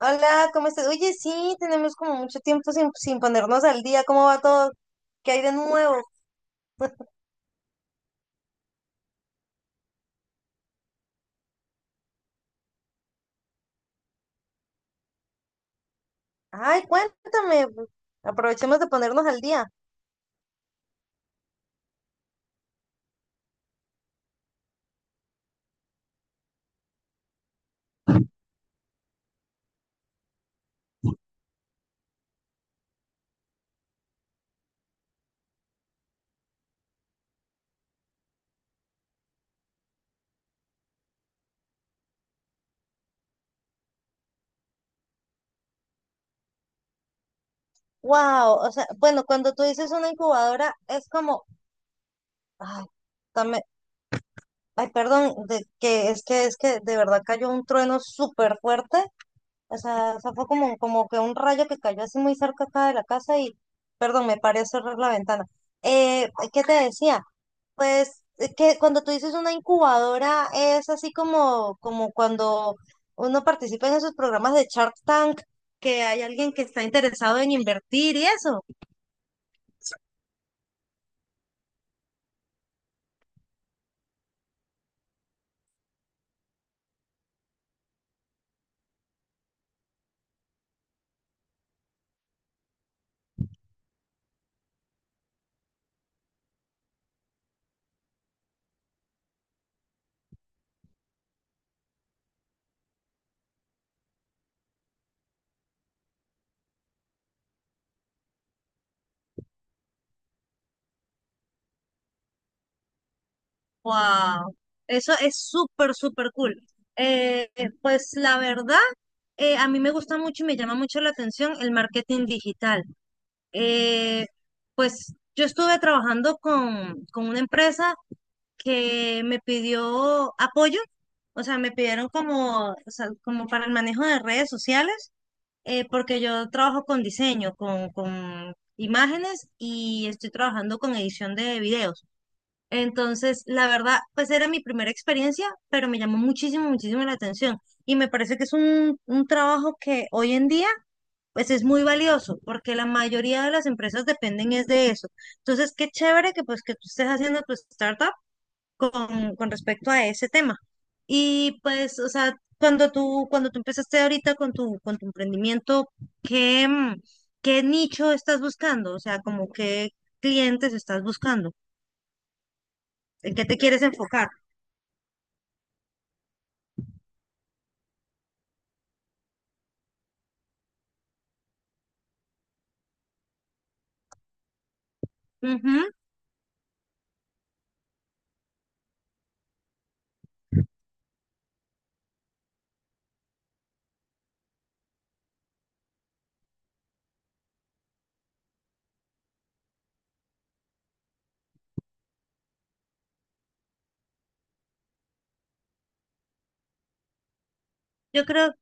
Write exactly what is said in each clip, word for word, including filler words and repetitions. Hola, ¿cómo estás? Oye, sí, tenemos como mucho tiempo sin, sin ponernos al día. ¿Cómo va todo? ¿Qué hay de nuevo? Ay, cuéntame, pues. Aprovechemos de ponernos al día. Wow, o sea, bueno, cuando tú dices una incubadora es como, ay, dame, ay, perdón, de que es que es que de verdad cayó un trueno súper fuerte. O sea, o sea, fue como, como que un rayo que cayó así muy cerca acá de la casa y, perdón, me paré a cerrar la ventana. Eh, ¿qué te decía? Pues eh, que cuando tú dices una incubadora es así como, como cuando uno participa en esos programas de Shark Tank, que hay alguien que está interesado en invertir y eso. ¡Wow! Eso es súper, súper cool. Eh, eh, pues la verdad, eh, a mí me gusta mucho y me llama mucho la atención el marketing digital. Eh, pues yo estuve trabajando con, con una empresa que me pidió apoyo, o sea, me pidieron como, o sea, como para el manejo de redes sociales, eh, porque yo trabajo con diseño, con, con imágenes y estoy trabajando con edición de videos. Entonces, la verdad, pues era mi primera experiencia, pero me llamó muchísimo, muchísimo la atención y me parece que es un, un trabajo que hoy en día, pues es muy valioso, porque la mayoría de las empresas dependen es de eso. Entonces, qué chévere que pues que tú estés haciendo tu startup con, con respecto a ese tema. Y pues, o sea, cuando tú, cuando tú empezaste ahorita con tu, con tu emprendimiento, ¿qué, mm, qué nicho estás buscando? O sea, como qué clientes estás buscando, en qué te quieres enfocar. Ujú. Yo creo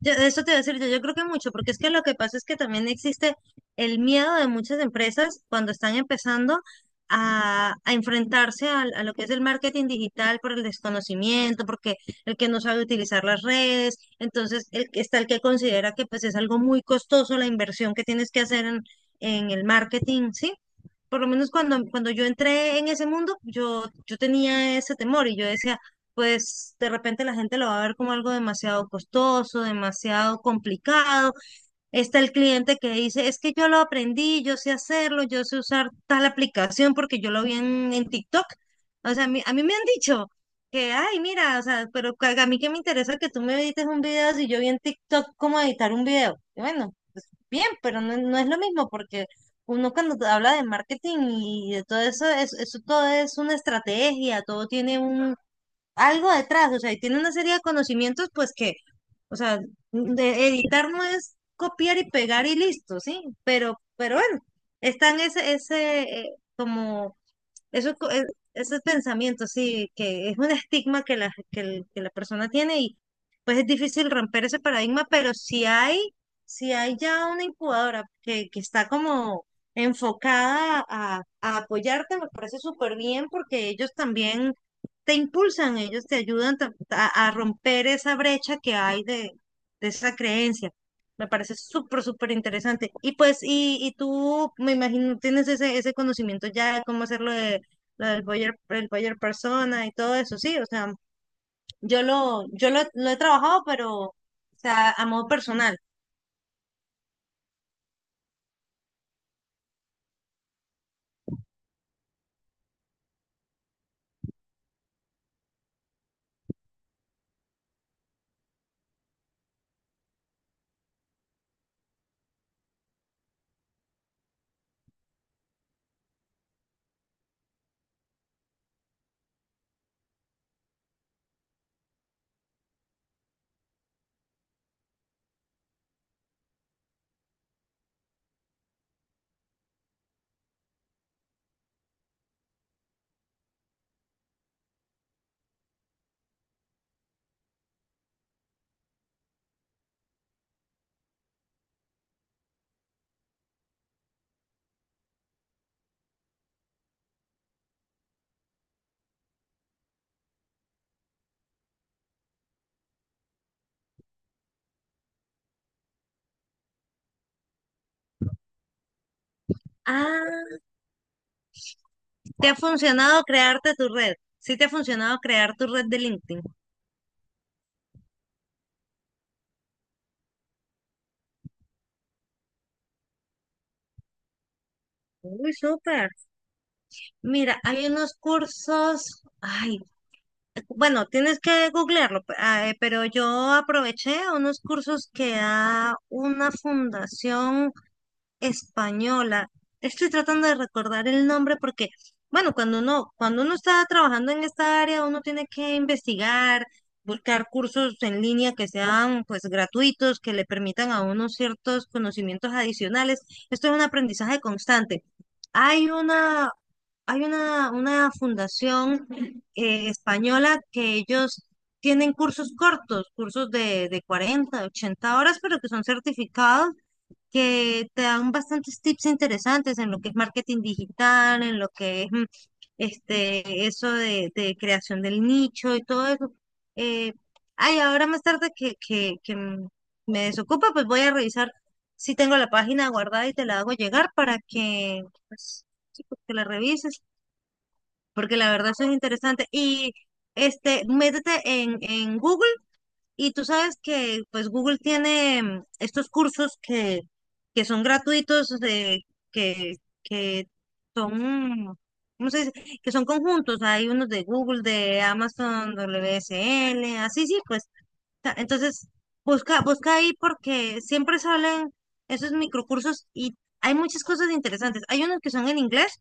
Yo- eso te voy a decir yo, yo creo que mucho, porque es que lo que pasa es que también existe el miedo de muchas empresas cuando están empezando a, a enfrentarse al- a, lo que es el marketing digital por el desconocimiento, porque el que no sabe utilizar las redes, entonces el, que- está el que considera que pues es algo muy costoso la inversión que tienes que hacer en, en el marketing, ¿sí? Por lo menos cuando, cuando yo entré en ese mundo, yo, yo tenía ese temor y yo decía, pues de repente la gente lo va a ver como algo demasiado costoso, demasiado complicado. Está el cliente que dice, es que yo lo aprendí, yo sé hacerlo, yo sé usar tal aplicación porque yo lo vi en, en TikTok. O sea, a mí, a mí me han dicho que, ay, mira, o sea, pero ca- a mí que me interesa que tú me edites un video si yo vi en TikTok cómo editar un video. Y bueno, pues bien, pero no, no es lo mismo porque uno cuando te habla de marketing y de todo eso, es- eso todo es una estrategia, todo tiene un algo detrás, o sea, y tiene una serie de conocimientos, pues que, o sea, de editar no es copiar y pegar y listo, ¿sí? Pero, pero bueno, está en ese, ese, eh, como eso, es co- es- ese pensamiento, sí, que es un estigma que la, que, el- que la persona tiene y pues es difícil romper ese paradigma, pero si hay, si hay ya una incubadora que, que está como enfocada a, a apoyarte, me parece súper bien porque ellos también te impulsan, ellos te ayudan ta- a, a romper esa brecha que hay de, de esa creencia. Me parece súper, súper interesante. Y pues, y, y tú, me imagino, tienes ese, ese conocimiento ya de cómo hacerlo lo del Boyer, el Boyer Persona y todo eso, sí, o sea, yo lo, yo lo, lo he trabajado, pero, o sea, a modo personal. Ah, ¿te ha funcionado crearte tu red? Sí, te ha funcionado crear tu red de LinkedIn. Uy, súper. Mira, hay unos cursos, ay, bueno, tienes que googlearlo, pe- ah, eh, pero yo aproveché unos cursos que da una fundación española. Estoy tratando de recordar el nombre porque, bueno, cuando uno, cuando uno está trabajando en esta área, uno tiene que investigar, buscar cursos en línea que sean pues gratuitos, que le permitan a uno ciertos conocimientos adicionales. Esto es un aprendizaje constante. Hay una, hay una, una fundación eh, española que ellos tienen cursos cortos, cursos de, de cuarenta ochenta horas, pero que son certificados que te dan bastantes tips interesantes en lo que es marketing digital, en lo que es mm, este, eso de, de creación del nicho y todo eso. Eh, Ay, ahora más tarde que, que, que mm, me desocupa, pues voy a revisar si tengo la página guardada y te la hago llegar para que, pues, sí, pues, que la revises, porque la verdad eso es interesante. Y este, métete en, en Google y tú sabes que pues Google tiene mm, estos cursos que, que son gratuitos, de, que, que son, ¿cómo se dice? Que son conjuntos. Hay unos de Google, de Amazon, W S L, así sí, pues. Ta- Entonces, busca, busca ahí porque siempre salen esos microcursos y hay muchas cosas interesantes. Hay unos que son en inglés,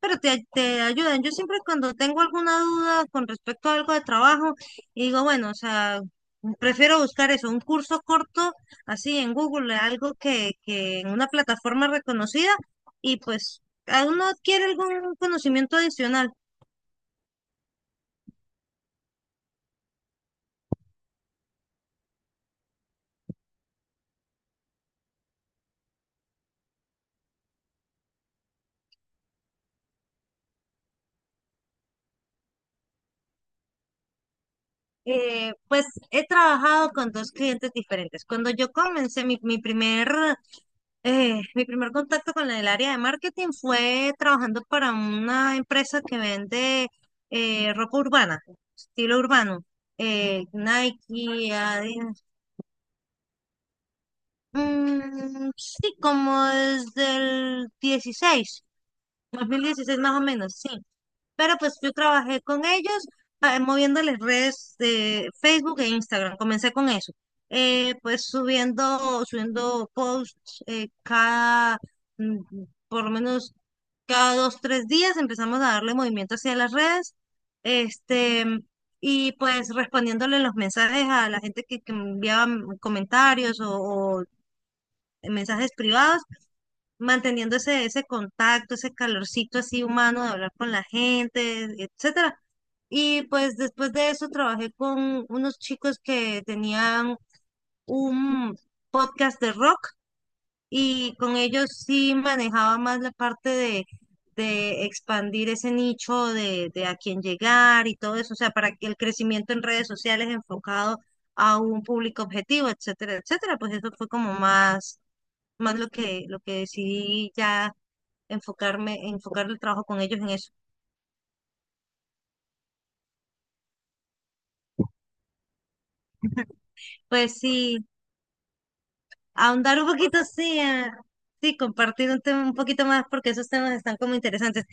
pero te, te ayudan. Yo siempre cuando tengo alguna duda con respecto a algo de trabajo, y digo, bueno, o sea, prefiero buscar eso, un curso corto así en Google, algo que, que en una plataforma reconocida y pues a uno adquiere algún conocimiento adicional. Eh, pues he trabajado con dos clientes diferentes. Cuando yo comencé mi, mi primer, eh, mi primer contacto con el área de marketing fue trabajando para una empresa que vende eh, ropa urbana, estilo urbano, eh, Nike, Adidas. Mm, sí, como desde el dieciséis, dos mil dieciséis más o menos, sí. Pero pues yo trabajé con ellos ah, moviéndoles redes de Facebook e Instagram. Comencé con eso. Eh, pues subiendo, subiendo posts eh, cada, mm, por lo menos cada dos, tres días empezamos a darle movimiento hacia las redes. Este, y pues respondiéndole los mensajes a la gente que, que me enviaba mm, comentarios o, o mensajes privados manteniendo ese, ese contacto, ese calorcito así humano de hablar con la gente, etcétera. Y pues después de eso trabajé con unos chicos que tenían un podcast de rock y con ellos sí manejaba más la parte de, de expandir ese nicho de, de a quién llegar y todo eso, o sea, para que el crecimiento en redes sociales enfocado a un público objetivo, etcétera, etcétera. Pues eso fue como más, más lo que, lo que decidí ya enfocarme, enfocar el trabajo con ellos en eso. Pues sí, ahondar un poquito, sí, ah, sí, compartir un tema un poquito más porque esos temas están como interesantes.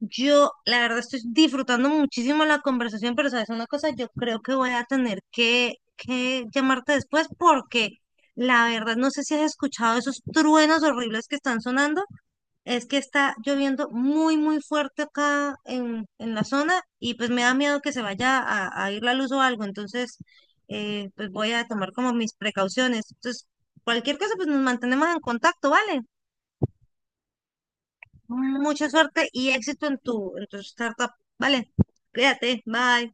Yo, la verdad, estoy disfrutando muchísimo la conversación, pero sabes una cosa, yo creo que voy a tener que, que llamarte después porque la verdad no sé si has escuchado esos truenos horribles que están sonando. Es que está lloviendo muy, muy fuerte acá en, en la zona y pues me da miedo que se vaya a, a ir la luz o algo. Entonces, eh, pues voy a tomar como mis precauciones. Entonces, cualquier cosa, pues nos mantenemos en contacto, ¿vale? Mucha suerte y éxito en tu, en tu startup, ¿vale? Cuídate, bye.